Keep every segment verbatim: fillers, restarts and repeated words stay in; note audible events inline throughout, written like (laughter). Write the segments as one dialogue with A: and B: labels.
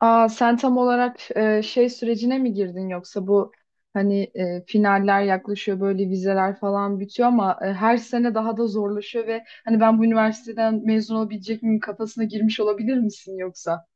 A: Aa, sen tam olarak e, şey sürecine mi girdin yoksa bu hani e, finaller yaklaşıyor böyle vizeler falan bitiyor ama e, her sene daha da zorlaşıyor ve hani ben bu üniversiteden mezun olabilecek miyim kafasına girmiş olabilir misin yoksa?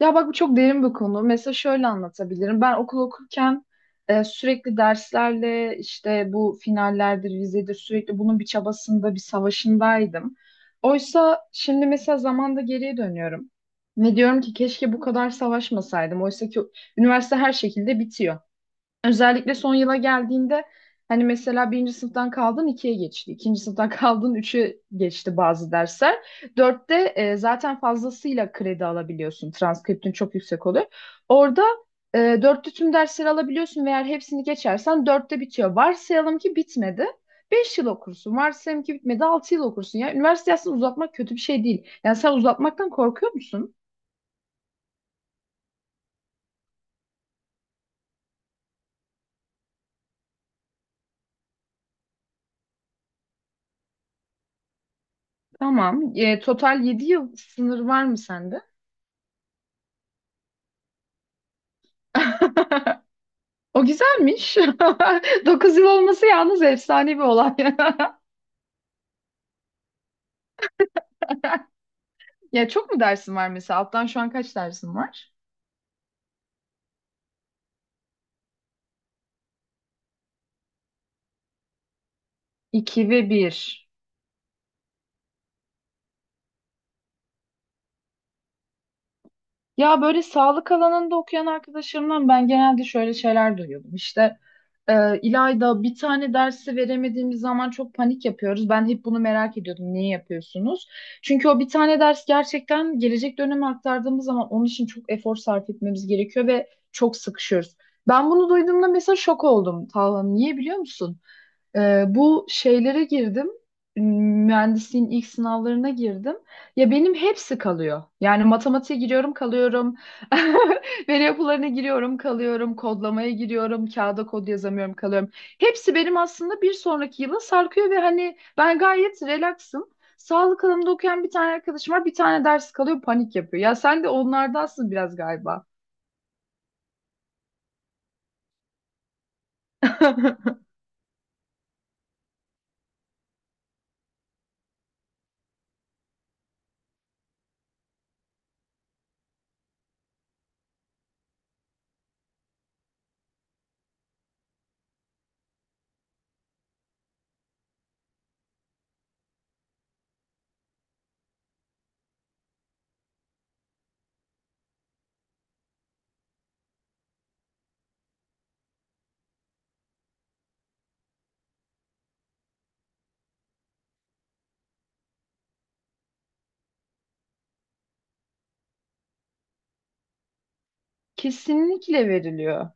A: Ya bak bu çok derin bir konu. Mesela şöyle anlatabilirim. Ben okul okurken e, sürekli derslerle işte bu finallerdir, vizedir sürekli bunun bir çabasında, bir savaşındaydım. Oysa şimdi mesela zamanda geriye dönüyorum. Ve diyorum ki keşke bu kadar savaşmasaydım. Oysa ki üniversite her şekilde bitiyor. Özellikle son yıla geldiğinde hani mesela birinci sınıftan kaldın ikiye geçti, ikinci sınıftan (laughs) kaldın üçe geçti bazı dersler. Dörtte e, zaten fazlasıyla kredi alabiliyorsun. Transkriptin çok yüksek oluyor. Orada e, dörtte tüm dersleri alabiliyorsun ve eğer hepsini geçersen dörtte bitiyor. Varsayalım ki bitmedi. Beş yıl okursun. Varsayalım ki bitmedi. Altı yıl okursun. Ya üniversite aslında uzatmak kötü bir şey değil. Yani sen uzatmaktan korkuyor musun? Tamam. E, total yedi yıl sınır var mı sende? O güzelmiş. (laughs) Dokuz yıl olması yalnız efsane bir olay. (laughs) Ya çok mu dersin var mesela? Alttan şu an kaç dersin var? iki ve bir. Ya böyle sağlık alanında okuyan arkadaşlarımdan ben genelde şöyle şeyler duyuyordum. İşte e, İlayda bir tane dersi veremediğimiz zaman çok panik yapıyoruz. Ben hep bunu merak ediyordum. Niye yapıyorsunuz? Çünkü o bir tane ders gerçekten gelecek döneme aktardığımız zaman onun için çok efor sarf etmemiz gerekiyor ve çok sıkışıyoruz. Ben bunu duyduğumda mesela şok oldum. Talha, niye biliyor musun? Ee, bu şeylere girdim. Mühendisliğin ilk sınavlarına girdim. Ya benim hepsi kalıyor. Yani matematiğe giriyorum, kalıyorum. (laughs) Veri yapılarına giriyorum, kalıyorum. Kodlamaya giriyorum, kağıda kod yazamıyorum, kalıyorum. Hepsi benim aslında bir sonraki yıla sarkıyor ve hani ben gayet relaxım. Sağlık alanında okuyan bir tane arkadaşım var, bir tane ders kalıyor, panik yapıyor. Ya sen de onlardansın biraz galiba. (laughs) Kesinlikle veriliyor.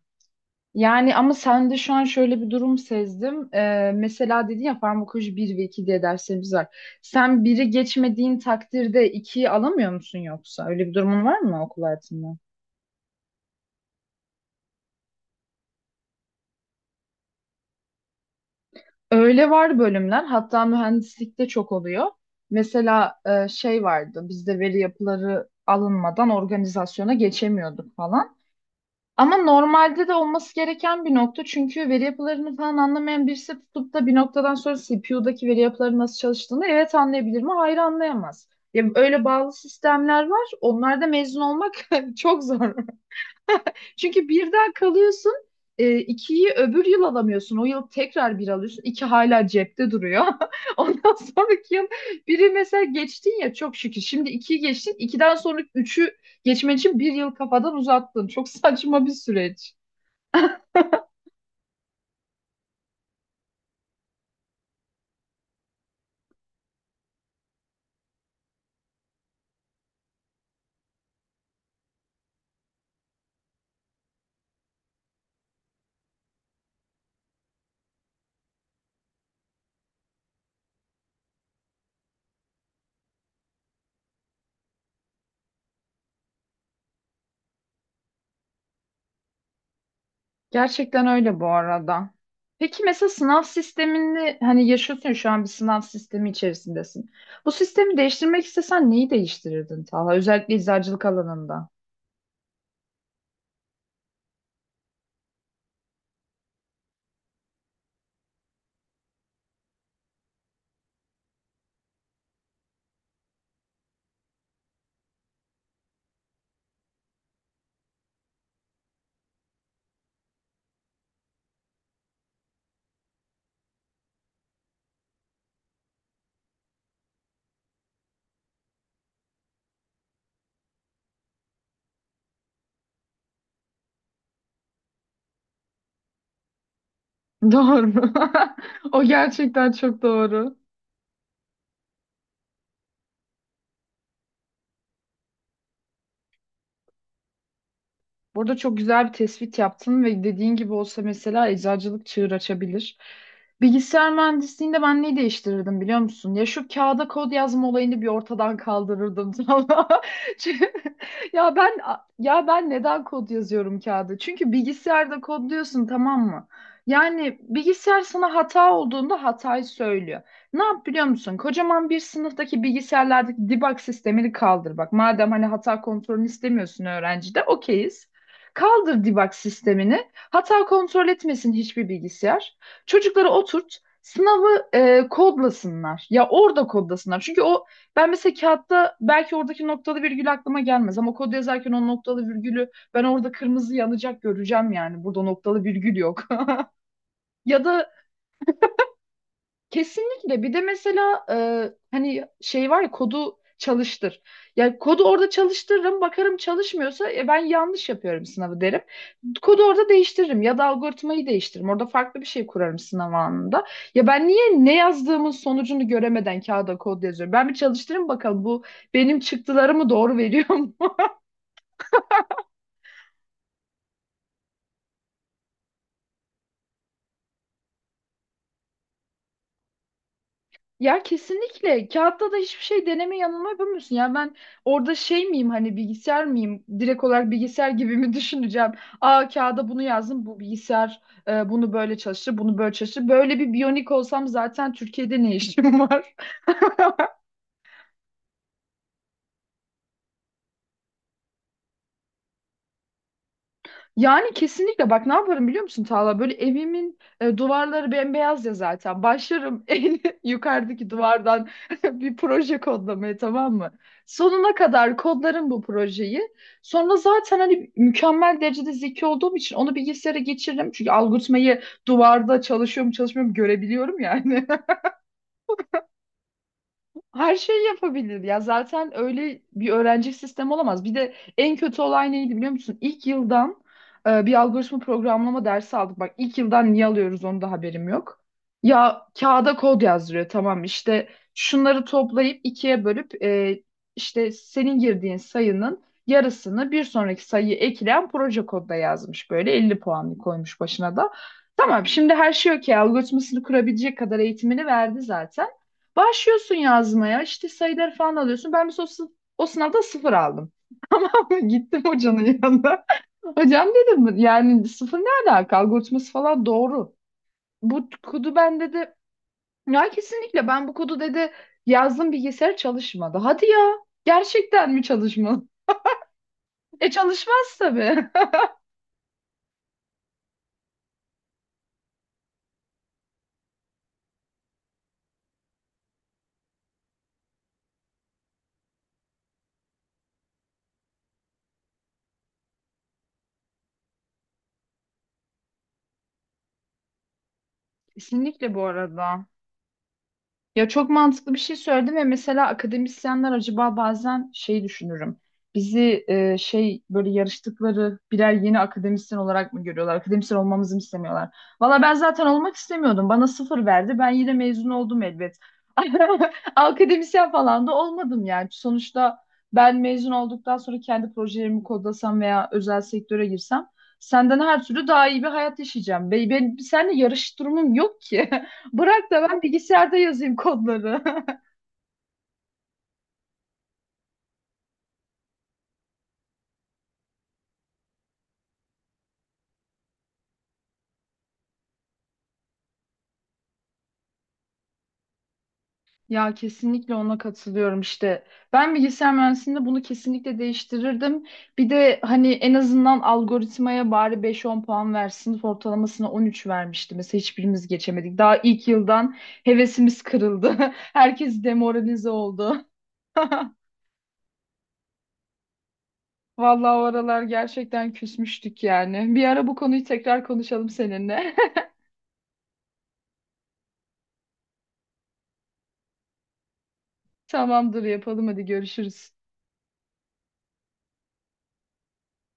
A: Yani ama sende şu an şöyle bir durum sezdim. Ee, mesela dedin ya farmakoloji bir ve iki diye derslerimiz var. Sen biri geçmediğin takdirde ikiyi alamıyor musun yoksa? Öyle bir durumun var mı okul hayatında? Öyle var bölümler. Hatta mühendislikte çok oluyor. Mesela e, şey vardı. Bizde veri yapıları alınmadan organizasyona geçemiyorduk falan. Ama normalde de olması gereken bir nokta. Çünkü veri yapılarını falan anlamayan birisi tutup da bir noktadan sonra C P U'daki veri yapıları nasıl çalıştığını evet anlayabilir mi? Hayır, anlayamaz. Ya öyle bağlı sistemler var. Onlarda mezun olmak (laughs) çok zor. Çünkü birden kalıyorsun. E, ikiyi öbür yıl alamıyorsun. O yıl tekrar bir alıyorsun. İki hala cepte duruyor. (laughs) Ondan sonraki yıl biri mesela geçtin ya, çok şükür. Şimdi ikiyi geçtin. İkiden sonra üçü geçmen için bir yıl kafadan uzattın. Çok saçma bir süreç. Gerçekten öyle bu arada. Peki mesela sınav sistemini hani yaşıyorsun ya, şu an bir sınav sistemi içerisindesin. Bu sistemi değiştirmek istesen neyi değiştirirdin, Talha? Özellikle eczacılık alanında. (laughs) Doğru. (laughs) O gerçekten çok doğru. Burada çok güzel bir tespit yaptın ve dediğin gibi olsa mesela eczacılık çığır açabilir. Bilgisayar mühendisliğinde ben neyi değiştirirdim biliyor musun? Ya şu kağıda kod yazma olayını bir ortadan kaldırırdım (laughs) tamam mı? Çünkü- ya ben ya ben neden kod yazıyorum kağıda? Çünkü bilgisayarda kodluyorsun, tamam mı? Yani bilgisayar sana hata olduğunda hatayı söylüyor. Ne yap biliyor musun? Kocaman bir sınıftaki bilgisayarlardaki debug sistemini kaldır bak. Madem hani hata kontrolünü istemiyorsun öğrencide, okeyiz. Kaldır debug sistemini. Hata kontrol etmesin hiçbir bilgisayar. Çocukları oturt. Sınavı e, kodlasınlar. Ya orada kodlasınlar. Çünkü o, ben mesela kağıtta belki oradaki noktalı virgül aklıma gelmez ama kod yazarken o noktalı virgülü ben orada kırmızı yanacak, göreceğim yani. Burada noktalı virgül yok. (laughs) Ya da Kesinlikle. Bir de mesela e, hani şey var ya, kodu çalıştır. Yani kodu orada çalıştırırım, bakarım çalışmıyorsa e, ben yanlış yapıyorum sınavı derim. Kodu orada değiştiririm ya da algoritmayı değiştiririm. Orada farklı bir şey kurarım sınav anında. Ya ben niye ne yazdığımın sonucunu göremeden kağıda kod yazıyorum? Ben bir çalıştırayım bakalım bu benim çıktılarımı doğru veriyor. Ya kesinlikle kağıtta da hiçbir şey deneme yanılma yapamıyorsun. Ya ben orada şey miyim, hani bilgisayar mıyım? Direkt olarak bilgisayar gibi mi (laughs) düşüneceğim? Aa, kağıda bunu yazdım. Bu bilgisayar e, bunu böyle çalıştı, bunu böyle çalıştı. Böyle bir biyonik olsam zaten Türkiye'de ne işim var? (laughs) Yani kesinlikle bak ne yaparım biliyor musun, Tağla? Böyle evimin e, duvarları bembeyaz ya zaten. Başlarım (laughs) en yukarıdaki duvardan (laughs) bir proje kodlamaya, tamam mı? Sonuna kadar kodlarım bu projeyi. Sonra zaten hani mükemmel derecede zeki olduğum için onu bilgisayara geçiririm. Çünkü algoritmayı duvarda çalışıyorum çalışmıyorum görebiliyorum yani. (laughs) Her şeyi yapabilir ya. Zaten öyle bir öğrenci sistemi olamaz. Bir de en kötü olay neydi biliyor musun? İlk yıldan e, bir algoritma programlama dersi aldık. Bak ilk yıldan niye alıyoruz onu da haberim yok. Ya kağıda kod yazdırıyor, tamam, işte şunları toplayıp ikiye bölüp e, işte senin girdiğin sayının yarısını bir sonraki sayıyı ekleyen proje kodda yazmış, böyle elli puanlı koymuş başına da. Tamam, şimdi her şey okey, algoritmasını kurabilecek kadar eğitimini verdi zaten. Başlıyorsun yazmaya, işte sayıları falan alıyorsun. Ben mesela o, sı- o sınavda sıfır aldım. (laughs) Tamam mı? Gittim hocanın yanına. Hocam dedim, yani sıfır ne alaka? Algoritması falan doğru. Bu kodu ben, dedi, ya kesinlikle ben bu kodu, dedi, yazdım, bilgisayar çalışmadı. Hadi ya, gerçekten mi çalışmadı? (laughs) E, çalışmaz tabii. (laughs) Kesinlikle bu arada. Ya çok mantıklı bir şey söyledim ve mesela akademisyenler, acaba bazen şey düşünürüm. Bizi e, şey, böyle yarıştıkları birer yeni akademisyen olarak mı görüyorlar? Akademisyen olmamızı mı istemiyorlar? Valla ben zaten olmak istemiyordum. Bana sıfır verdi. Ben yine mezun oldum elbet. (laughs) Akademisyen falan da olmadım yani. Sonuçta ben mezun olduktan sonra kendi projelerimi kodlasam veya özel sektöre girsem senden her türlü daha iyi bir hayat yaşayacağım. Ben, ben, seninle yarış durumum yok ki. (laughs) Bırak da ben bilgisayarda yazayım kodları. (laughs) Ya kesinlikle ona katılıyorum işte. Ben bilgisayar mühendisliğinde bunu kesinlikle değiştirirdim. Bir de hani en azından algoritmaya bari beş on puan versin. Sınıf ortalamasına on üç vermişti. Mesela hiçbirimiz geçemedik. Daha ilk yıldan hevesimiz kırıldı. (laughs) Herkes demoralize oldu. (laughs) Vallahi o aralar gerçekten küsmüştük yani. Bir ara bu konuyu tekrar konuşalım seninle. (laughs) Tamamdır, yapalım, hadi görüşürüz.